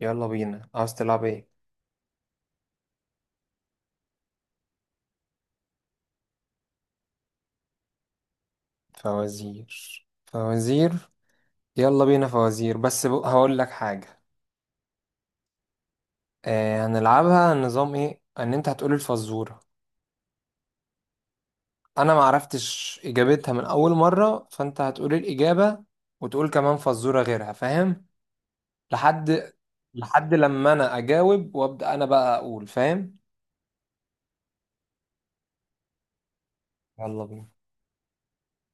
يلا بينا، عاوز تلعب ايه؟ فوازير فوازير. يلا بينا فوازير، بس هقول لك حاجة. آه، هنلعبها نظام ايه؟ ان انت هتقول الفزورة، انا ما عرفتش اجابتها من اول مرة فانت هتقول الاجابة وتقول كمان فزورة غيرها، فاهم؟ لحد لحد لما انا اجاوب، وابدأ انا بقى اقول فاهم. يلا بينا.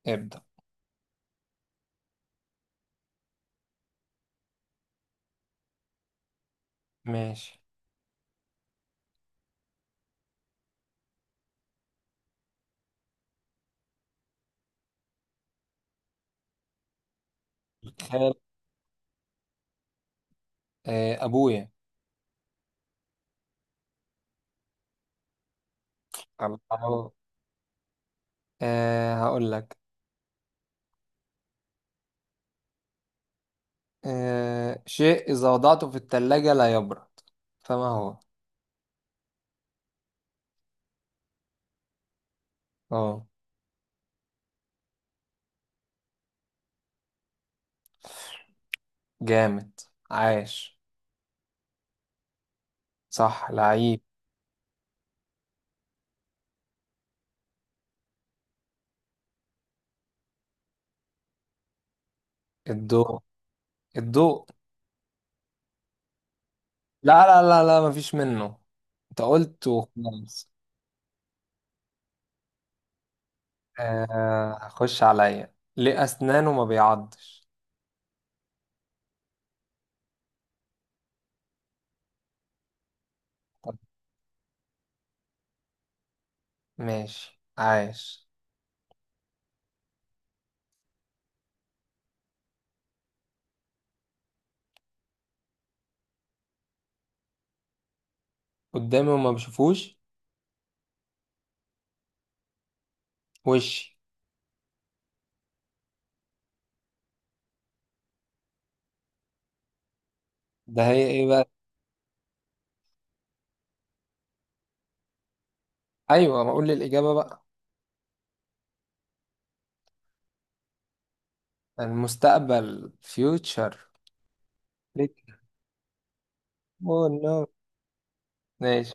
ابدأ. ماشي. خال. آه، ابويا. الله. آه، هقول لك. آه، شيء إذا وضعته في التلاجة لا يبرد، فما هو؟ اه. جامد. عاش. صح لعيب. الضوء. الضوء. لا لا لا لا، مفيش منه. انت قلت وخلاص. آه، هخش عليا. ليه أسنانه ما بيعضش؟ طب. ماشي، عاش. قدامي وما بشوفوش. وشي. ده هي ايه بقى؟ ايوه، ما اقول لي الإجابة بقى. المستقبل future. ليك. اوه نو. ماشي.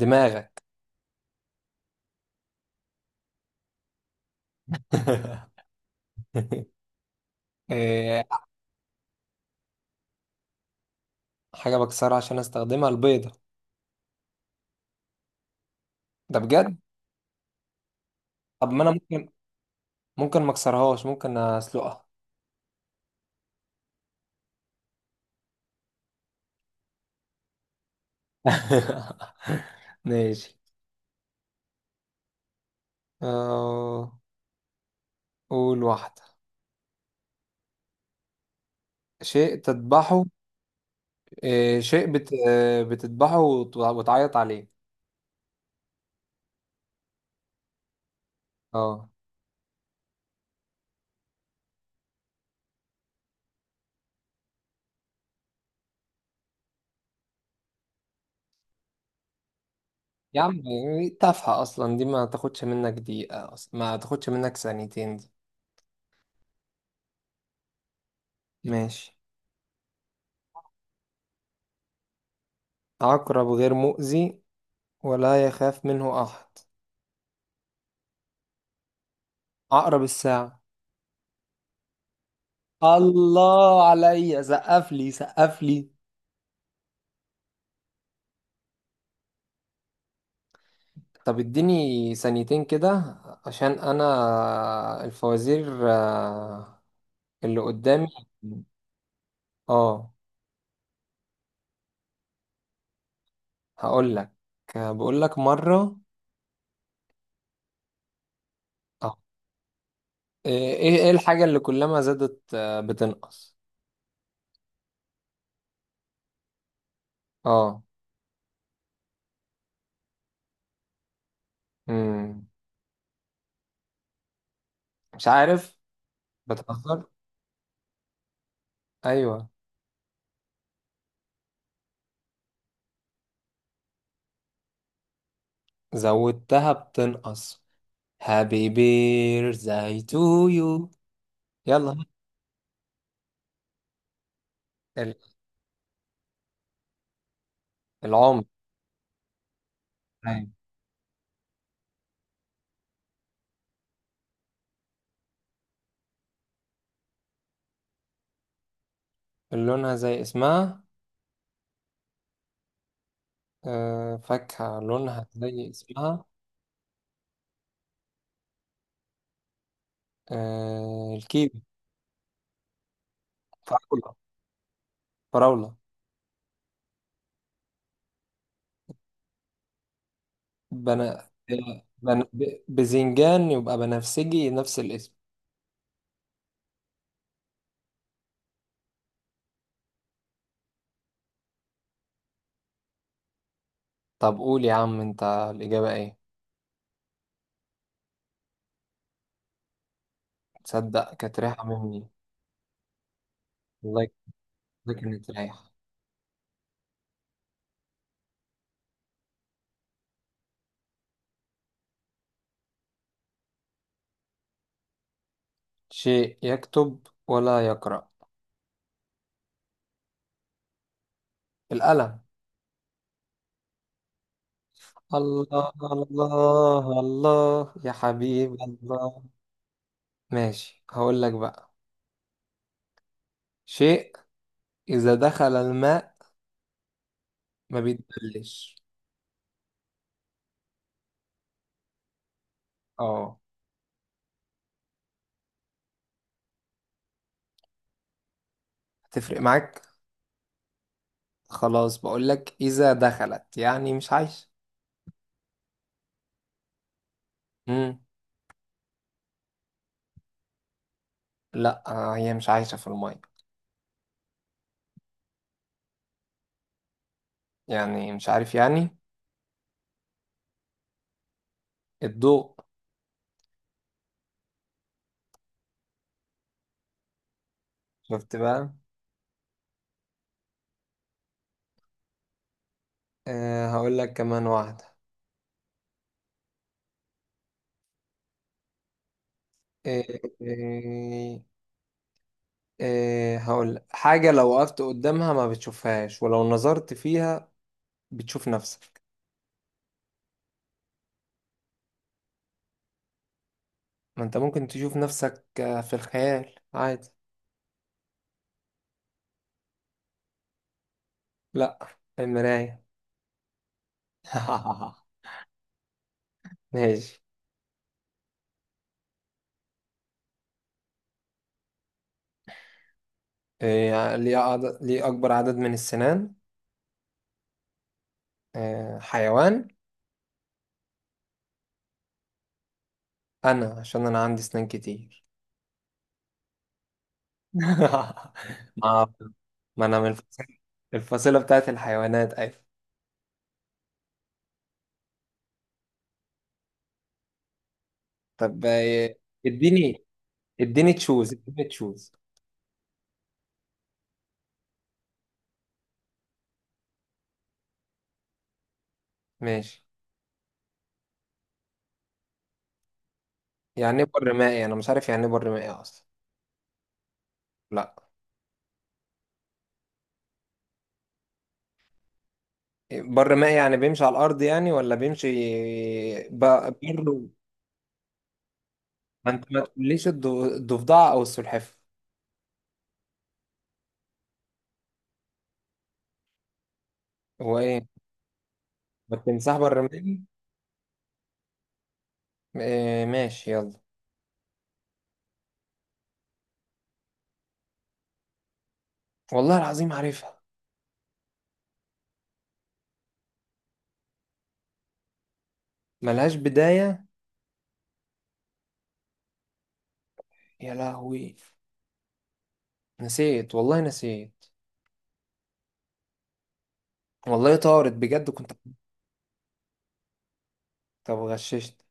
دماغك. إيه، حاجة بكسرها عشان استخدمها، البيضة. ده بجد؟ طب ما انا ممكن. ممكن ما اكسرهاش، ممكن اسلقها. ماشي. آه، قول واحدة. شيء تذبحه. إيه، شيء بت... آه، بتذبحه وتعيط عليه. اه. يا عم دي تافهة اصلا، دي ما تاخدش منك دقيقة، اصلا ما تاخدش منك ثانيتين دي. ماشي. عقرب غير مؤذي ولا يخاف منه احد؟ عقرب الساعة. الله عليا، سقف لي سقف لي. طب اديني ثانيتين كده. عشان انا الفوازير اللي قدامي. اه، هقول لك. بقول لك مرة. اه. ايه الحاجة اللي كلما زادت بتنقص؟ اه. امم. مش عارف. بتهزر؟ ايوه. زودتها بتنقص. هابي بير زي تو يو. يلا. ال- العمر. أيوة. لونها زي اسمها. فاكهة لونها زي اسمها. الكيوي. فراولة. فراولة. بنا... بزنجان يبقى بنفسجي، نفس الاسم. طب قول يا عم، انت الإجابة ايه؟ تصدق، كانت رايحة مني. والله. ده كانت رايحة. شيء يكتب ولا يقرأ. القلم. الله الله الله، يا حبيب الله. ماشي، هقول لك بقى. شيء إذا دخل الماء ما بيتبلش. اه. هتفرق معاك. خلاص، بقولك اذا دخلت يعني مش عايشة. امم. لا، هي مش عايشة في المية. يعني مش عارف يعني. الضوء. شفت بقى. أه، هقولك كمان واحدة. أه. أه. أه، هقولك حاجة لو وقفت قدامها ما بتشوفهاش، ولو نظرت فيها بتشوف نفسك. ما انت ممكن تشوف نفسك في الخيال عادي. لا. المراية. ماشي. إيه، ليه أكبر عدد من السنان؟ إيه، حيوان؟ عشان أنا عندي سنان كتير. ما ما أنا من الفصيلة. الفصيلة بتاعت الحيوانات، أيوة. طب إيه، اديني. اديني تشوز، اديني تشوز. ماشي. يعني إيه بر مائي؟ أنا مش عارف يعني إيه بر مائي أصلا. لا. إيه، بر مائي يعني بيمشي على الأرض يعني، ولا بيمشي؟ ب- بر. ما أنت ما تقوليش الضفدع أو السلحفاة. هو إيه؟ ما التمساح بر مائي. إيه، ماشي يلا. والله العظيم عارفها. ملهاش بداية. يا لهوي. نسيت، والله نسيت. والله طارت بجد، كنت. طب غششت.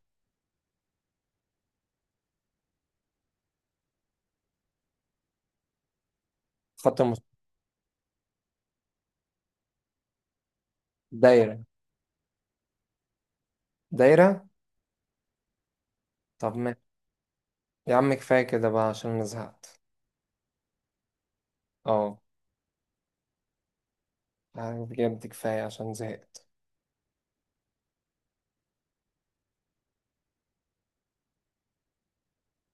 خط المس... دايرة. دايرة. طب ما يا عم كفاية كده بقى، عشان أنا زهقت. اه. يعني بجد كفاية عشان زهقت.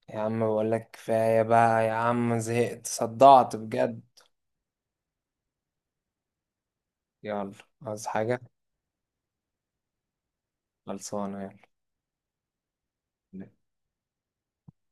يا عم بقول لك كفاية بقى يا عم، زهقت صدعت بجد. يلا. عايز حاجة؟ خلصانة، يلا.